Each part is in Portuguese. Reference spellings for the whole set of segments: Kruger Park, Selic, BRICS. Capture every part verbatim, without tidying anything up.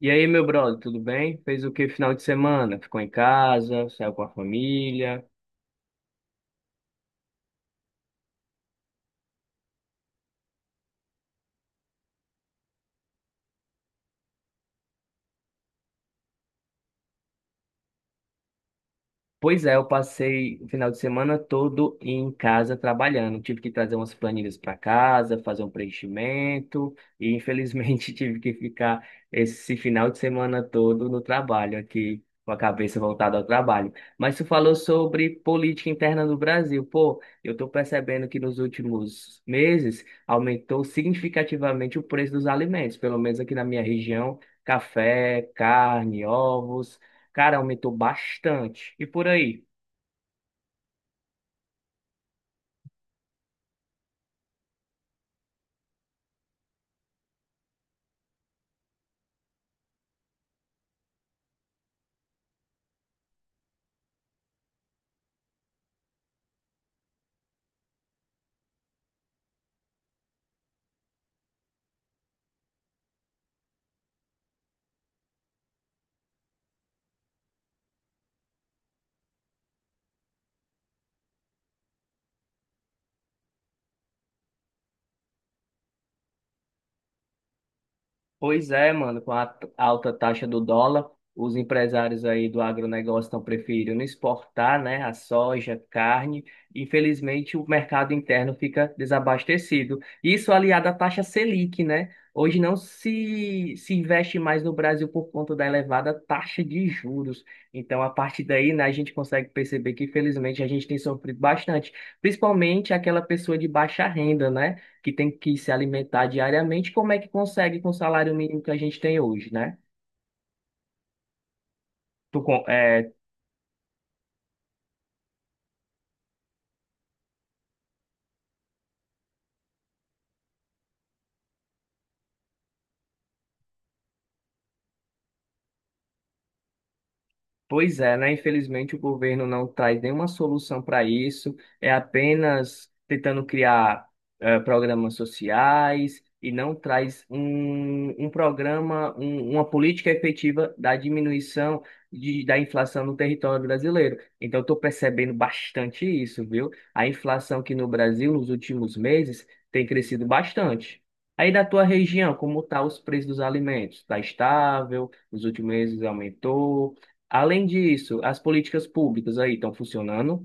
E aí, meu brother, tudo bem? Fez o que final de semana? Ficou em casa? Saiu com a família? Pois é, eu passei o final de semana todo em casa trabalhando. Tive que trazer umas planilhas para casa, fazer um preenchimento e infelizmente tive que ficar esse final de semana todo no trabalho aqui, com a cabeça voltada ao trabalho. Mas tu falou sobre política interna do Brasil. Pô, eu estou percebendo que nos últimos meses aumentou significativamente o preço dos alimentos, pelo menos aqui na minha região, café, carne, ovos. Cara, aumentou bastante. E por aí? Pois é, mano, com a t- alta taxa do dólar, os empresários aí do agronegócio estão preferindo exportar, né, a soja, carne. Infelizmente, o mercado interno fica desabastecido. Isso aliado à taxa Selic, né? Hoje não se, se investe mais no Brasil por conta da elevada taxa de juros. Então, a partir daí, né, a gente consegue perceber que, infelizmente, a gente tem sofrido bastante, principalmente aquela pessoa de baixa renda, né? Que tem que se alimentar diariamente, como é que consegue com o salário mínimo que a gente tem hoje, né? Tu, Pois é, né? Infelizmente o governo não traz nenhuma solução para isso, é apenas tentando criar eh, programas sociais e não traz um, um programa, um- uma política efetiva da diminuição de, da inflação no território brasileiro. Então, estou percebendo bastante isso, viu? A inflação aqui no Brasil nos últimos meses tem crescido bastante. Aí da tua região, como tá os preços dos alimentos? Tá estável? Nos últimos meses aumentou? Além disso, as políticas públicas aí estão funcionando.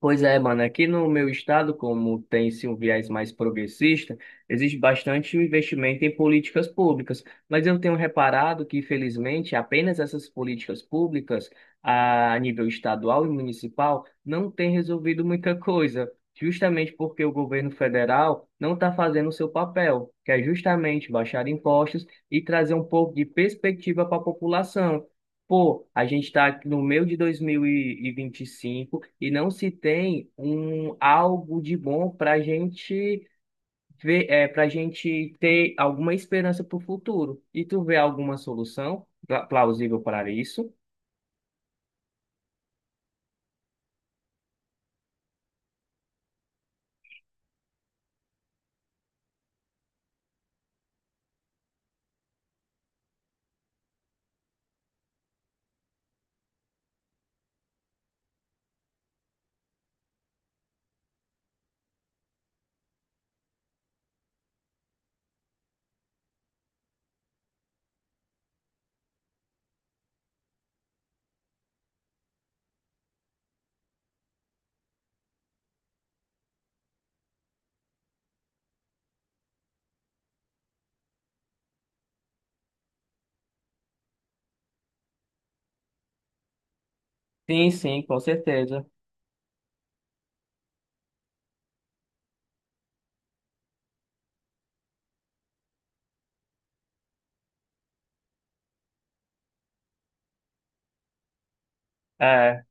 Pois é, mano, aqui no meu estado, como tem-se um viés mais progressista, existe bastante investimento em políticas públicas, mas eu tenho reparado que, infelizmente, apenas essas políticas públicas, a nível estadual e municipal, não têm resolvido muita coisa, justamente porque o governo federal não está fazendo o seu papel, que é justamente baixar impostos e trazer um pouco de perspectiva para a população. Pô, a gente está no meio de dois mil e vinte e cinco e vinte e cinco e não se tem um algo de bom para a gente ver, é, para gente ter alguma esperança para o futuro. E tu vê alguma solução pla- plausível para isso? Sim, sim, com certeza. É,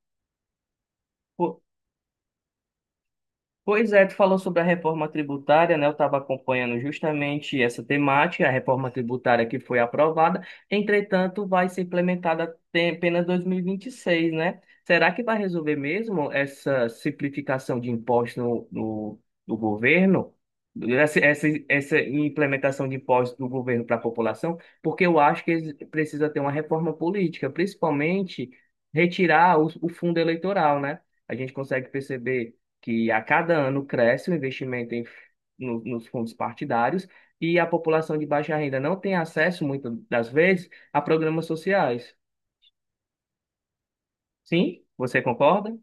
Pois é, tu falou sobre a reforma tributária, né? Eu estava acompanhando justamente essa temática, a reforma tributária que foi aprovada, entretanto, vai ser implementada tem- apenas dois mil e vinte e seis, né? Será que vai resolver mesmo essa simplificação de impostos no, no, do governo? Essa, essa, essa implementação de impostos do governo para a população? Porque eu acho que eles- precisa ter uma reforma política, principalmente retirar o, o fundo eleitoral, né? A gente consegue perceber que a cada ano cresce o investimento em, no- nos fundos partidários e a população de baixa renda não tem acesso, muitas das vezes, a programas sociais. Sim? Você concorda?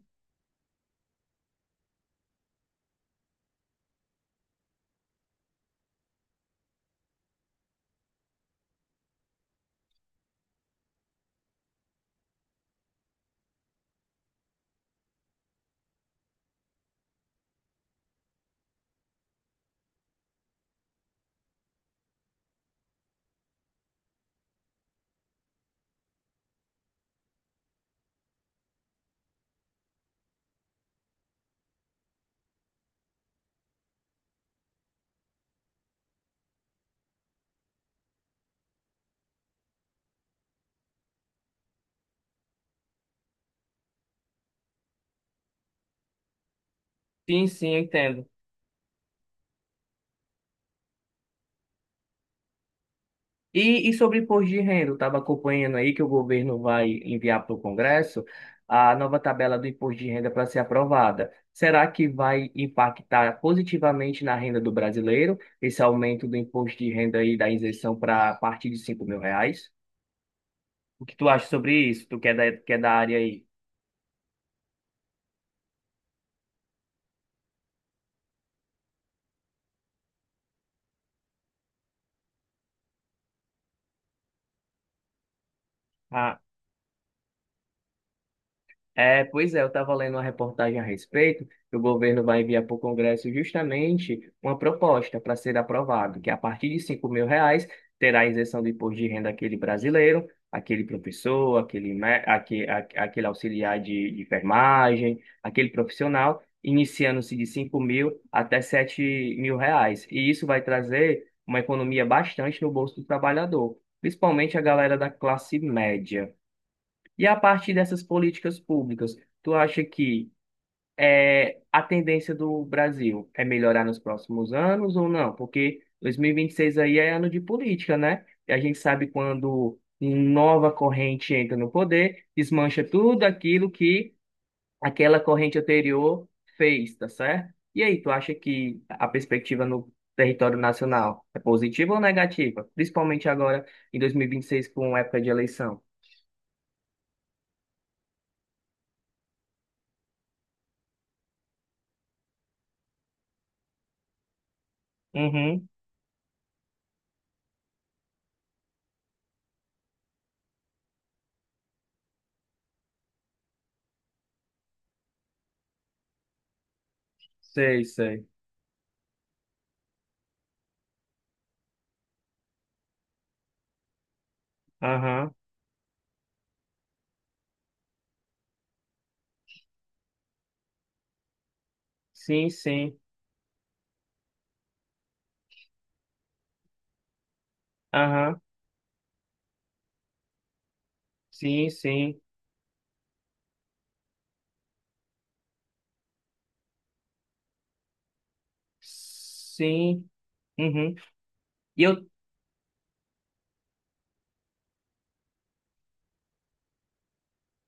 Sim, sim, eu entendo. E, e sobre imposto de renda, eu estava acompanhando aí que o governo vai enviar para o Congresso a nova tabela do imposto de renda para ser aprovada. Será que vai impactar positivamente na renda do brasileiro, esse aumento do imposto de renda aí da isenção para a partir de cinco mil reais? O que tu acha sobre isso? Tu que é da, que é da área aí? A É, pois é, eu estava lendo uma reportagem a respeito que o governo vai enviar para o Congresso justamente uma proposta para ser aprovado, que a partir de cinco mil reais terá a isenção do imposto de renda aquele brasileiro, aquele professor, aquele, mé- aque- aque- aquele, auxiliar de, de enfermagem, aquele profissional, iniciando-se de cinco mil até sete mil reais. E isso vai trazer uma economia bastante no bolso do trabalhador, principalmente a galera da classe média. E a partir dessas políticas públicas, tu acha que é, a tendência do Brasil é melhorar nos próximos anos ou não? Porque dois mil e vinte e seis aí é ano de política, né? E a gente sabe quando nova corrente entra no poder, desmancha tudo aquilo que aquela corrente anterior fez, tá certo? E aí, tu acha que a perspectiva no território nacional é positiva ou negativa? Principalmente agora em dois mil e vinte e seis, com época de eleição. Uhum, sei, sei. Aham, sim, sim. Aham, sim, sim. Sim. Uhum. E eu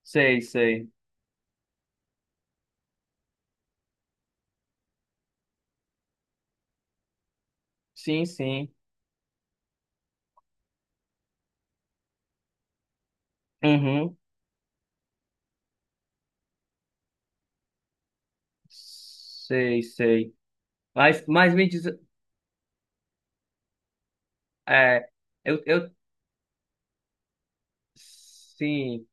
sei, sei. Sim, sim. Uhum. Sei, sei. Mas, mas me diz. É, eu, eu. Sim.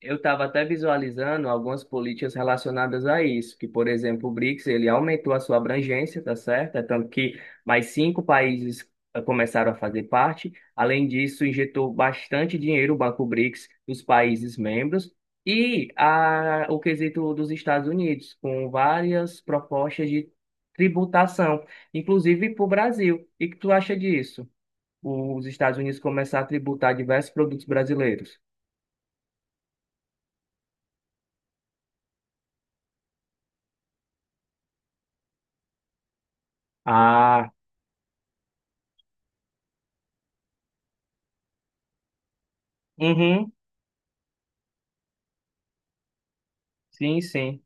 Eu estava até visualizando algumas políticas relacionadas a isso, que, por exemplo, o BRICS, ele aumentou a sua abrangência, tá certo? É, tanto que mais cinco países eh, começaram a fazer parte. Além disso, injetou bastante dinheiro o Banco BRICS dos países membros e a, o quesito dos Estados Unidos, com várias propostas de tributação, inclusive para o Brasil. E que tu acha disso? Os Estados Unidos começar a tributar diversos produtos brasileiros? Ah, uhum. Sim, sim,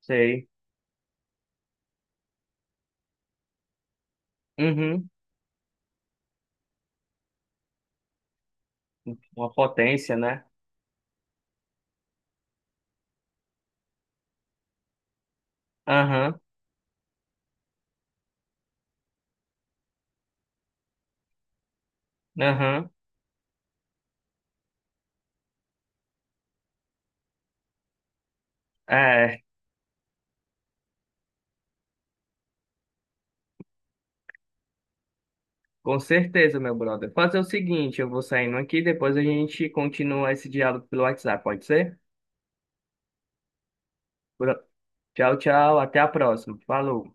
sei. Uhum. Uma potência, né? Aham, aham. É, com certeza, meu brother. Fazer o seguinte, eu vou saindo aqui, depois a gente continua esse diálogo pelo WhatsApp, pode ser? Bro- Tchau, tchau, até a próxima. Falou.